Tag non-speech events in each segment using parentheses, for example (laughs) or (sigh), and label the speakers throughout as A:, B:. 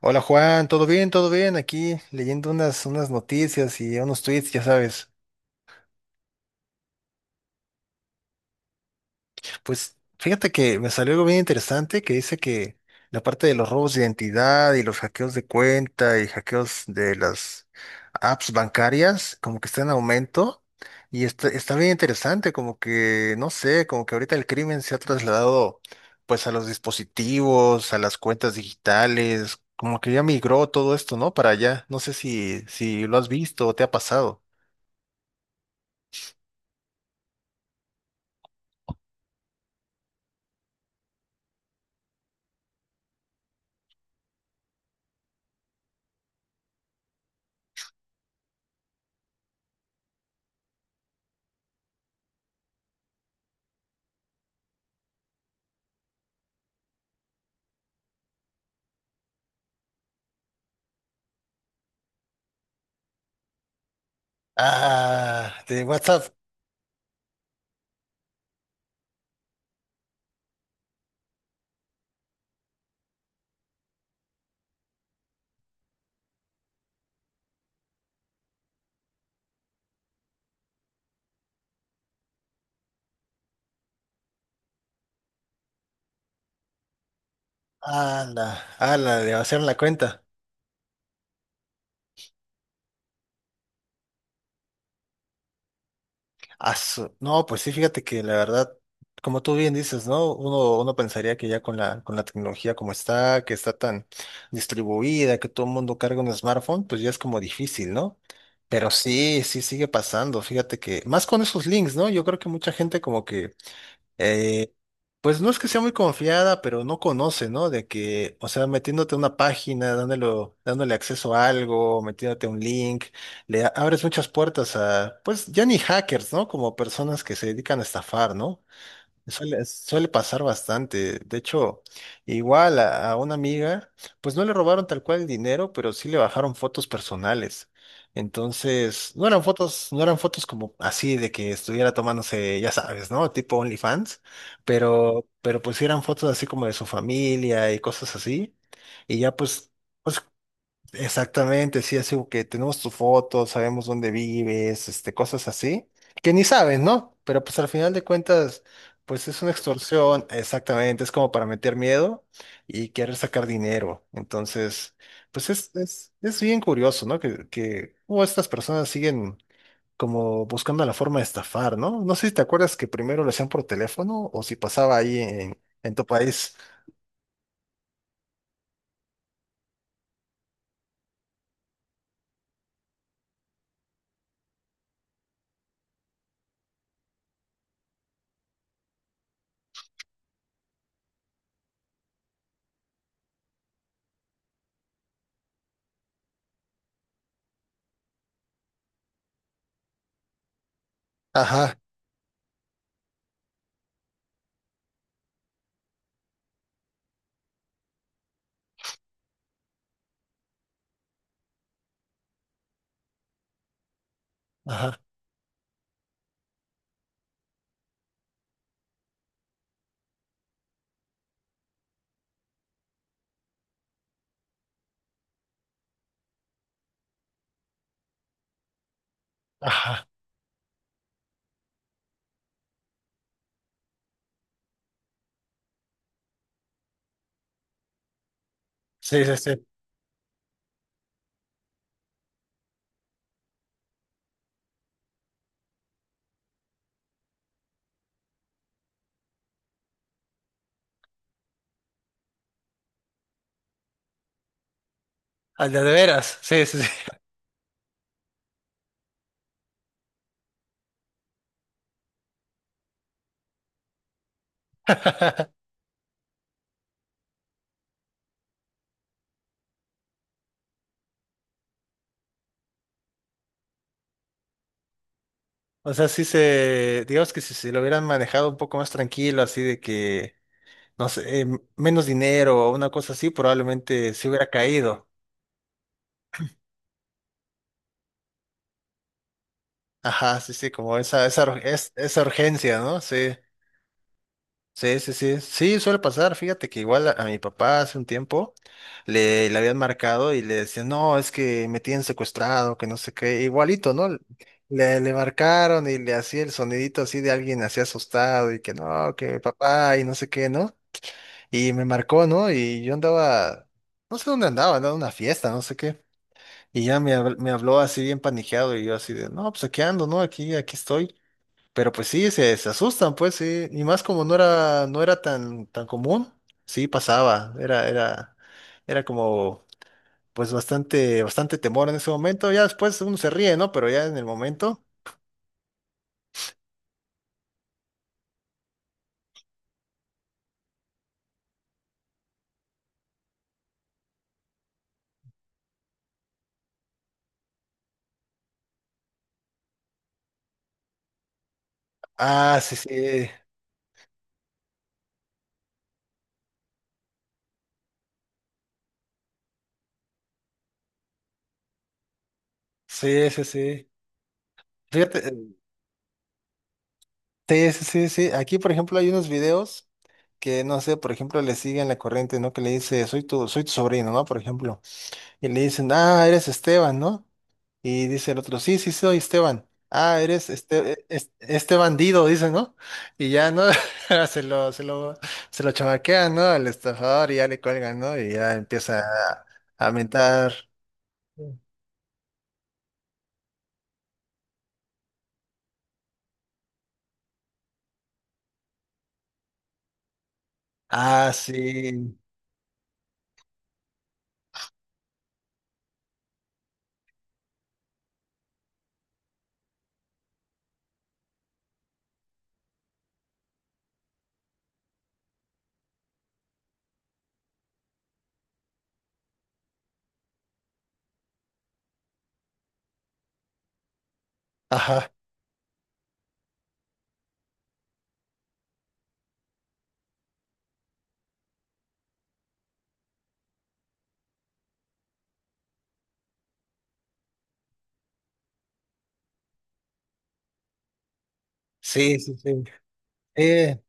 A: Hola Juan, ¿todo bien? ¿Todo bien? Aquí leyendo unas noticias y unos tweets, ya sabes. Pues fíjate que me salió algo bien interesante que dice que la parte de los robos de identidad y los hackeos de cuenta y hackeos de las apps bancarias como que está en aumento y está bien interesante, como que no sé, como que ahorita el crimen se ha trasladado pues a los dispositivos, a las cuentas digitales, como que ya migró todo esto, ¿no? Para allá. No sé si lo has visto o te ha pasado. Ah, de WhatsApp. De vaciaron la cuenta. No, pues sí, fíjate que la verdad, como tú bien dices, ¿no? Uno pensaría que ya con la tecnología como está, que está tan distribuida, que todo el mundo carga un smartphone, pues ya es como difícil, ¿no? Pero sí, sí sigue pasando, fíjate que, más con esos links, ¿no? Yo creo que mucha gente como que eh, pues no es que sea muy confiada, pero no conoce, ¿no? De que, o sea, metiéndote a una página, dándole acceso a algo, metiéndote un link, abres muchas puertas a, pues ya ni hackers, ¿no? Como personas que se dedican a estafar, ¿no? Suele pasar bastante. De hecho, igual a una amiga, pues no le robaron tal cual el dinero, pero sí le bajaron fotos personales. Entonces, no eran fotos como así de que estuviera tomándose, ya sabes, ¿no? Tipo OnlyFans, pero pues sí eran fotos así como de su familia y cosas así. Y ya pues, pues exactamente, sí, así como que tenemos tu foto, sabemos dónde vives, este, cosas así, que ni sabes, ¿no? Pero pues al final de cuentas, pues es una extorsión, exactamente, es como para meter miedo y querer sacar dinero. Entonces, pues es bien curioso, ¿no? Que cómo estas personas siguen como buscando la forma de estafar, ¿no? No sé si te acuerdas que primero lo hacían por teléfono o si pasaba ahí en tu país. Ajá, ajá, ajá. Sí, sí, sí. Al de veras, sí, sí, sí. (laughs) O sea, sí se, digamos que si se lo hubieran manejado un poco más tranquilo, así de que, no sé, menos dinero o una cosa así, probablemente se hubiera caído. Ajá, sí, sí, como esa urgencia, ¿no? Sí, sí, sí, sí. Sí, suele pasar. Fíjate que igual a mi papá hace un tiempo le habían marcado y le decían, no, es que me tienen secuestrado, que no sé qué. Igualito, ¿no? Le marcaron y le hacía el sonidito así de alguien así asustado y que no, que papá y no sé qué, ¿no? Y me marcó, ¿no? Y yo andaba, no sé dónde andaba, andaba en una fiesta, no sé qué. Y ya me, me habló así bien paniqueado y yo así de, no, pues aquí ando, ¿no? Aquí estoy. Pero pues sí, se asustan, pues sí. Y más como no era, no era tan común, sí pasaba. Era como, pues bastante temor en ese momento. Ya después uno se ríe, ¿no? Pero ya en el momento. Ah, sí, sí, sí, sí, sí. Fíjate. Sí, sí, sí, sí. Aquí, por ejemplo, hay unos videos que, no sé, por ejemplo, le siguen la corriente, ¿no? Que le dice, soy tu sobrino, ¿no? Por ejemplo. Y le dicen, ah, eres Esteban, ¿no? Y dice el otro, sí, sí, soy Esteban. Ah, eres este bandido, dice, ¿no? Y ya, ¿no? (laughs) Se lo, se lo, se lo chamaquean, ¿no? Al estafador y ya le cuelgan, ¿no? Y ya empieza a mentar. Ah, sí. Ajá. Sí, sí, sí. Sí,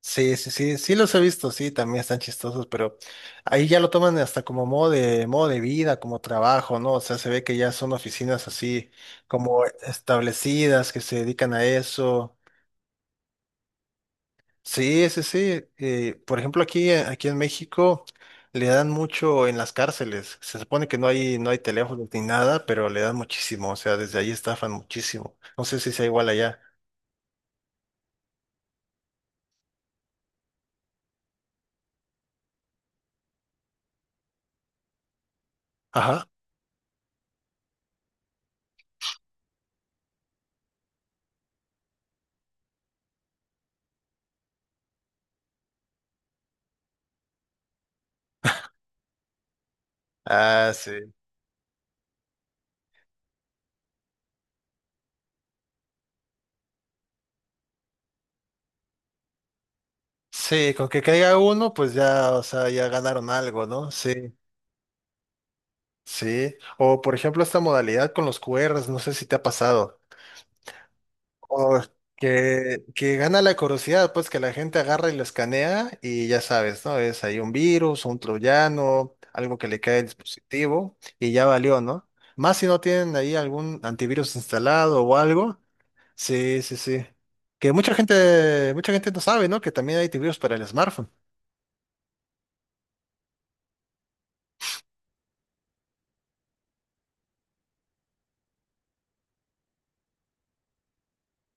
A: sí, sí, sí, sí los he visto, sí, también están chistosos, pero ahí ya lo toman hasta como modo de vida, como trabajo, ¿no? O sea, se ve que ya son oficinas así como establecidas que se dedican a eso. Sí, sí, sí. Por ejemplo, aquí en México le dan mucho en las cárceles. Se supone que no hay, no hay teléfonos ni nada, pero le dan muchísimo. O sea, desde ahí estafan muchísimo. No sé si sea igual allá. Ajá. Ah, sí. Sí, con que caiga uno, pues ya, o sea, ya ganaron algo, ¿no? Sí, sí. O por ejemplo, esta modalidad con los QRs, no sé si te ha pasado. O que gana la curiosidad, pues que la gente agarra y lo escanea y ya sabes, ¿no? Es ahí un virus, un troyano, algo que le cae al dispositivo y ya valió, ¿no? Más si no tienen ahí algún antivirus instalado o algo. Sí, sí, sí. Que mucha gente no sabe, ¿no? Que también hay antivirus para el smartphone.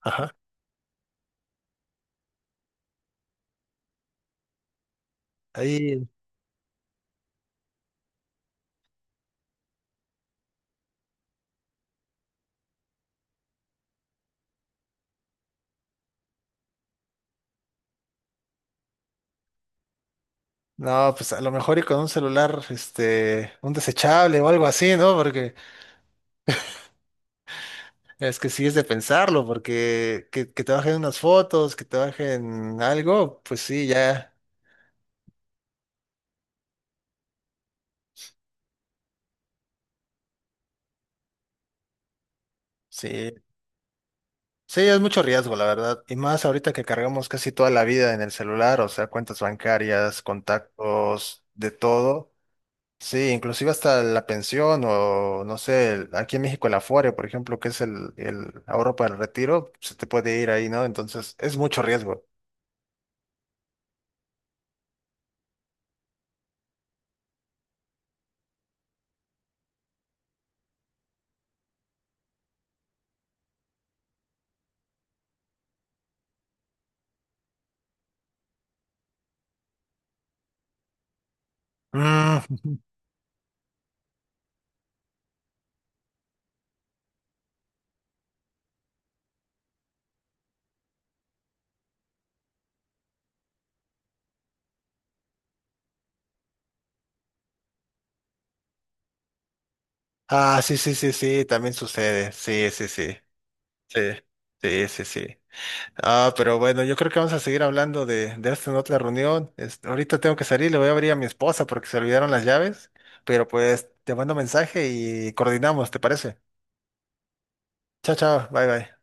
A: Ajá. Ahí no, pues a lo mejor y con un celular, este, un desechable o algo así, ¿no? Porque es que sí es de pensarlo, porque que te bajen unas fotos, que te bajen algo, pues sí, ya, sí. Sí, es mucho riesgo, la verdad. Y más ahorita que cargamos casi toda la vida en el celular, o sea, cuentas bancarias, contactos, de todo. Sí, inclusive hasta la pensión o, no sé, aquí en México el Afore, por ejemplo, que es el ahorro para el retiro, se te puede ir ahí, ¿no? Entonces, es mucho riesgo. Mm. (laughs) Ah, sí, sí, sí, sí, también sucede. Sí, sí, sí. Sí, sí, sí, sí. Ah, pero bueno, yo creo que vamos a seguir hablando de esto en otra reunión. Este, ahorita tengo que salir, le voy a abrir a mi esposa porque se olvidaron las llaves. Pero pues te mando mensaje y coordinamos, ¿te parece? Chao, chao, bye, bye.